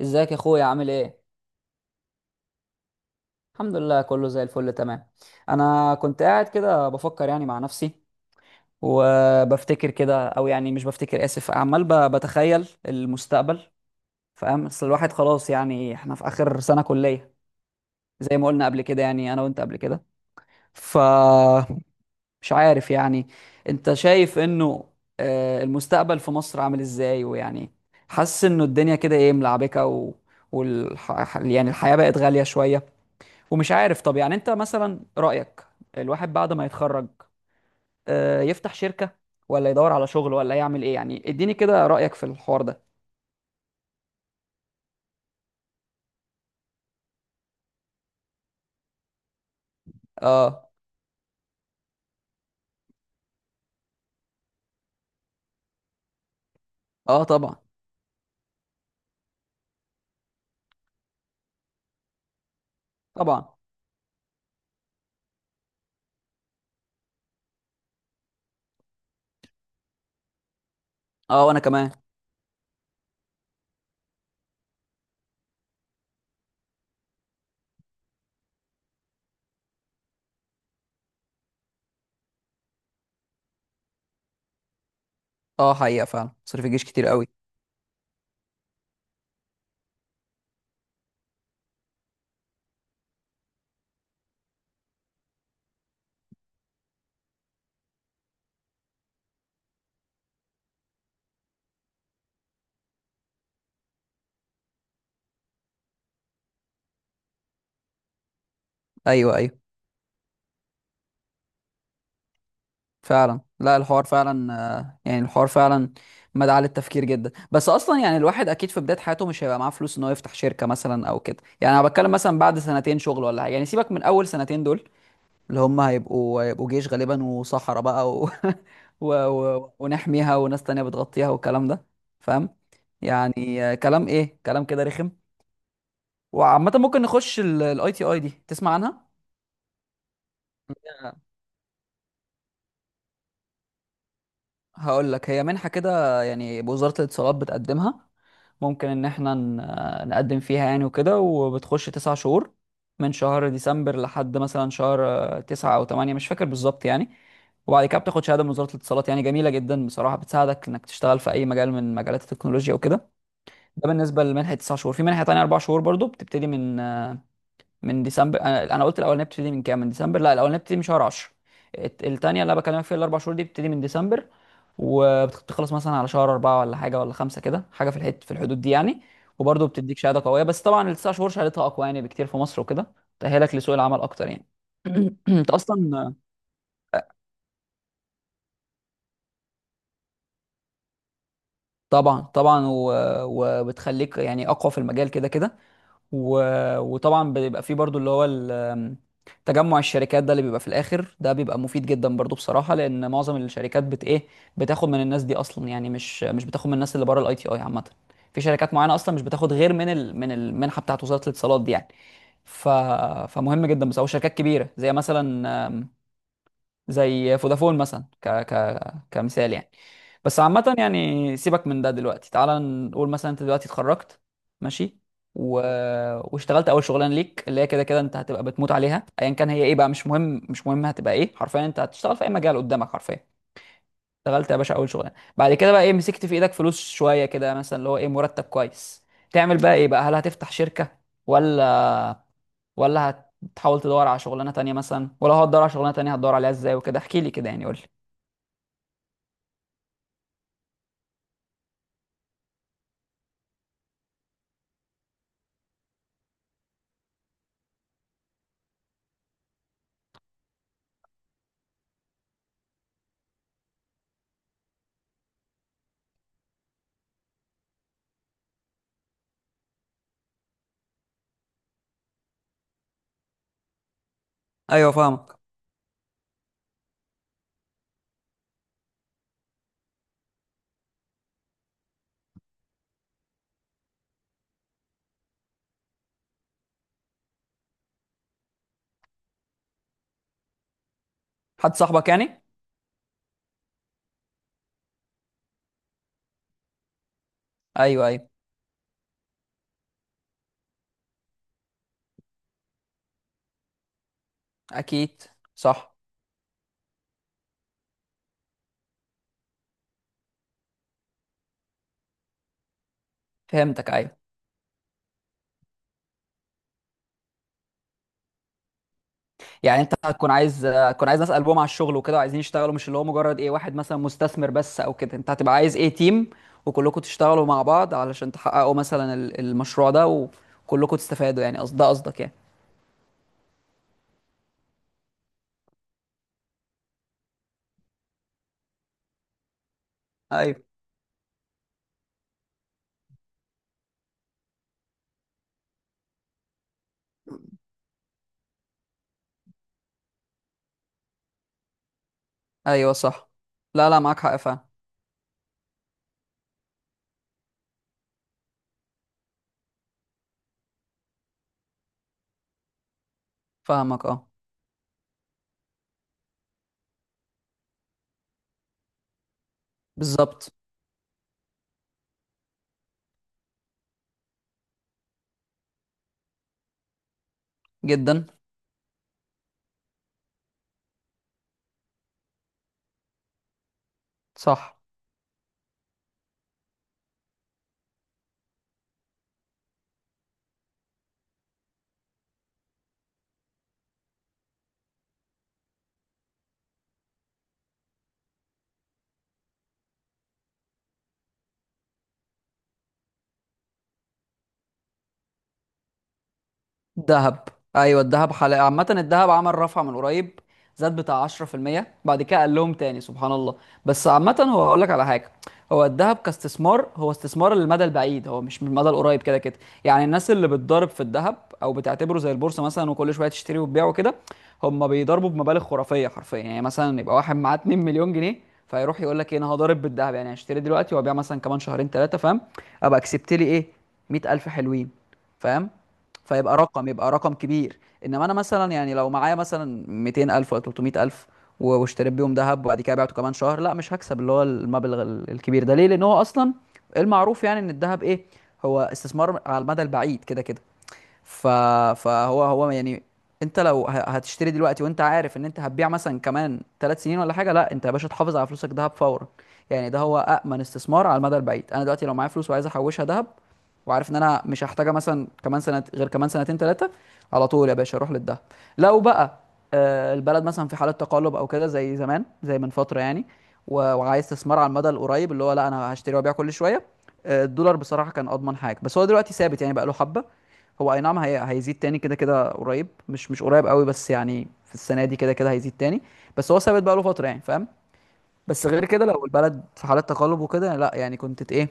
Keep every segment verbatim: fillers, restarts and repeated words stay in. ازيك يا اخويا، عامل ايه؟ الحمد لله كله زي الفل تمام. انا كنت قاعد كده بفكر يعني مع نفسي، وبفتكر كده او يعني مش بفتكر، اسف، عمال ب- بتخيل المستقبل. فاهم؟ اصل الواحد خلاص يعني احنا في اخر سنة كلية. زي ما قلنا قبل كده يعني انا وانت قبل كده. فمش عارف يعني. انت شايف انه آه، المستقبل في مصر عامل ازاي؟ ويعني حاسس انه الدنيا كده ايه ملعبكة و... والح... يعني الحياة بقت غالية شوية. ومش عارف، طب يعني انت مثلا رأيك، الواحد بعد ما يتخرج آه، يفتح شركة ولا يدور على شغل ولا يعمل ايه يعني؟ اديني كده رأيك في الحوار ده. اه. اه طبعا. طبعا. اه وانا كمان. اه حقيقة فعلا صرف الجيش كتير قوي. ايوه ايوه فعلا. لا الحوار فعلا آه، يعني الحوار فعلا مدعاة للتفكير جدا. بس اصلا يعني الواحد اكيد في بداية حياته مش هيبقى معاه فلوس ان هو يفتح شركة مثلا او كده. يعني انا بتكلم مثلا بعد سنتين شغل ولا حاجة، يعني سيبك من اول سنتين دول، اللي هم هيبقوا هيبقوا جيش غالبا وصحراء بقى و... و... و... ونحميها، وناس تانية بتغطيها، والكلام ده. فاهم؟ يعني آه، كلام ايه، كلام كده رخم. وعامة ممكن نخش الاي تي اي دي، تسمع عنها؟ هقول لك: هي منحة كده يعني، بوزارة الاتصالات بتقدمها. ممكن ان احنا ن- نقدم فيها يعني وكده، وبتخش تسع شهور من شهر ديسمبر لحد مثلا شهر آه، تسعة او تمانية، مش فاكر بالظبط يعني. وبعد كده بتاخد شهادة من وزارة الاتصالات، يعني جميلة جدا بصراحة، بتساعدك انك تشتغل في اي مجال من مجالات التكنولوجيا وكده. ده بالنسبة لمنحة تسع شهور. في منحة تانية اربع شهور برضو بتبتدي من من ديسمبر، انا انا قلت الاولانيه بتبتدي من كام؟ من ديسمبر؟ لا، الاولانيه بتبتدي من شهر عشرة. الت- التانيه اللي انا بكلمك فيها، الاربع شهور دي، بتبتدي من ديسمبر وبتخلص مثلا على شهر أربعة ولا حاجة ولا خمسة كده حاجة، في الحد، في الحدود دي يعني. وبرضه بتديك شهادة قوية، بس طبعا التسع شهور شهادتها أقوى يعني بكتير في مصر وكده، تأهلك لسوق العمل أكتر يعني. أنت أصلا طبعا طبعا و... وبتخليك يعني أقوى في المجال كده كده. و... وطبعا بيبقى فيه برضو اللي هو ال- تجمع الشركات ده اللي بيبقى في الاخر، ده بيبقى مفيد جدا برضو بصراحه، لان معظم الشركات بت ايه، بتاخد من الناس دي اصلا يعني، مش مش بتاخد من الناس اللي بره الاي تي اي عامه. في شركات معينه اصلا مش بتاخد غير من ال... من المنحه بتاعت وزاره الاتصالات دي يعني. ف... فمهم جدا، بس او شركات كبيره زي مثلا زي فودافون مثلا ك ك كمثال يعني. بس عامة يعني سيبك من ده دلوقتي. تعال نقول مثلا انت دلوقتي اتخرجت، ماشي و... واشتغلت اول شغلانة ليك، اللي هي كده كده انت هتبقى بتموت عليها ايا كان هي ايه بقى، مش مهم، مش مهم هتبقى ايه حرفيا، انت هتشتغل في اي مجال قدامك حرفيا. اشتغلت يا باشا اول شغلانة، بعد كده بقى ايه؟ مسكت في ايدك فلوس شوية كده مثلا، اللي هو ايه، مرتب كويس. تعمل بقى ايه بقى؟ هل هتفتح شركة ولا ولا هتحاول تدور على شغلانة تانية مثلا؟ ولو هتدور على شغلانة تانية هتدور عليها ازاي وكده؟ احكي لي كده يعني، قول. ايوه فاهمك. حد صاحبك يعني؟ ايوه ايوه. اكيد. صح. فهمتك ايوه. يعني انت هتكون عايز، هتكون عايز ناس قلبهم على الشغل وكده وعايزين يشتغلوا، مش اللي هو مجرد ايه، واحد مثلا مستثمر بس او كده، انت هتبقى عايز ايه تيم، وكلكم تشتغلوا مع بعض علشان تحققوا مثلا ال- المشروع ده، وكلكم تستفادوا، يعني قصد ده قصدك يعني. ايوه ايوه صح. لا لا، معاك حق، فاهم. فاهمك اه. بالظبط. جدا. صح. دهب. ايوه، الدهب حلقة عامة. الدهب عمل رفع من قريب، زاد بتاع عشرة في المية. بعد كده قال لهم تاني، سبحان الله. بس عامة هو هقول لك على حاجة: هو الدهب كاستثمار، هو استثمار للمدى البعيد، هو مش من المدى القريب كده كده. يعني الناس اللي بتضارب في الدهب او بتعتبره زي البورصة مثلا وكل شوية تشتري وتبيع وكده، هم بيضربوا بمبالغ خرافية حرفيا. يعني مثلا يبقى واحد معاه 2 مليون جنيه، فيروح يقول لك ايه، انا هضارب بالدهب يعني هشتري دلوقتي وابيع مثلا كمان شهرين ثلاثة. فاهم؟ ابقى كسبت لي ايه، مئة الف حلوين. فاهم؟ فيبقى رقم، يبقى رقم كبير. انما انا مثلا يعني لو معايا مثلا ميتين الف ولا تلتمية الف و- واشتريت بيهم ذهب وبعد كده بعته كمان شهر، لا مش هكسب اللي هو المبلغ ال- الكبير ده. ليه؟ لان هو اصلا المعروف يعني ان الذهب ايه، هو استثمار على المدى البعيد كده كده. ف... فهو هو يعني انت لو ه- هتشتري دلوقتي وانت عارف ان انت هتبيع مثلا كمان ثلاث سنين ولا حاجه، لا انت يا باشا تحافظ على فلوسك دهب فورا. يعني ده هو امن استثمار على المدى البعيد. انا دلوقتي لو معايا فلوس وعايز احوشها دهب، وعارف ان انا مش هحتاجها مثلا كمان سنه غير كمان سنتين ثلاثه، على طول يا باشا اروح للدهب. لو بقى آه، البلد مثلا في حاله تقلب او كده زي زمان، زي من فتره يعني، و- وعايز استثمار على المدى القريب اللي هو لا انا هشتري وابيع كل شويه، آه، الدولار بصراحه كان اضمن حاجه. بس هو دلوقتي ثابت يعني بقى له حبه. هو اي نعم، هي... هيزيد تاني كده كده قريب، مش مش قريب قوي، بس يعني في السنه دي كده كده هيزيد تاني. بس هو ثابت بقى له فتره يعني، فاهم؟ بس غير كده لو البلد في حاله تقلب وكده لا، يعني كنت ت- ايه،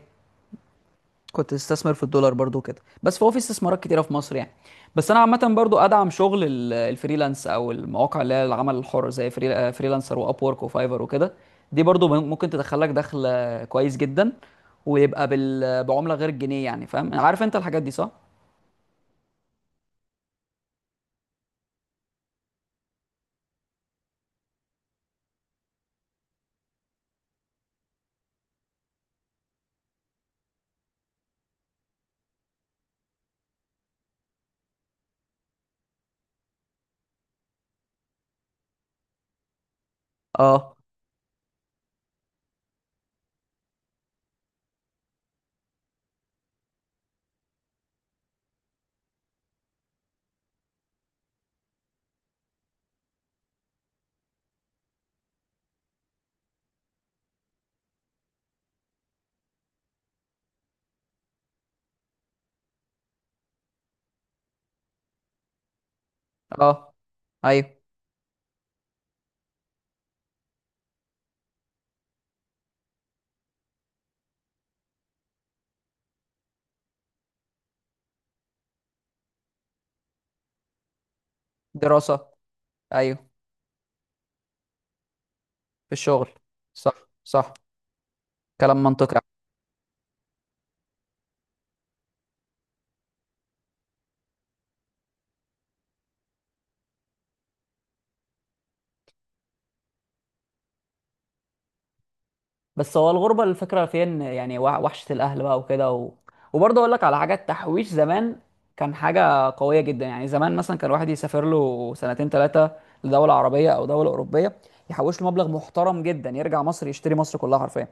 كنت تستثمر في الدولار برضو كده. بس فهو في استثمارات كتيره في مصر يعني. بس انا عامه برضو ادعم شغل ال- الفريلانس او المواقع اللي هي العمل الحر، زي فري... آه، فريلانسر، واب وورك، وفايفر وكده. دي برضو مم- ممكن تدخلك دخل آه، كويس جدا، ويبقى بال... بعمله غير الجنيه يعني. فاهم؟ عارف انت الحاجات دي؟ صح؟ اه. اه ايوه. دراسة. ايوه في الشغل. صح. صح. كلام منطقي. بس هو الغربة الفكرة فيها ان يعني وح- وحشة الأهل بقى وكده و... وبرضه أقول لك على حاجات: تحويش زمان كان حاجة قوية جدا. يعني زمان مثلا كان الواحد يسافر له سنتين ثلاثة لدولة عربية أو دولة أوروبية، يحوش له مبلغ محترم جدا، يرجع مصر يشتري مصر كلها حرفيا.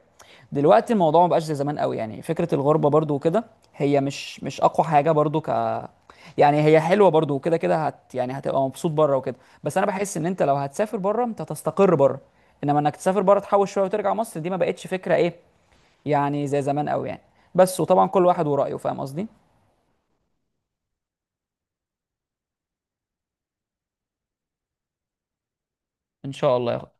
دلوقتي الموضوع ما بقاش زي زمان قوي يعني، فكرة الغربة برضو وكده، هي مش مش أقوى حاجة برضو، ك يعني هي حلوة برضو، وكده كده هت يعني هتبقى مبسوط بره وكده. بس أنا بحس إن أنت لو هتسافر بره أنت هتستقر بره. إنما إنك تسافر بره تحوش شوية وترجع مصر، دي ما بقتش فكرة إيه يعني زي زمان قوي يعني. بس وطبعا كل واحد ورأيه، فاهم قصدي؟ إن شاء الله يا أخويا.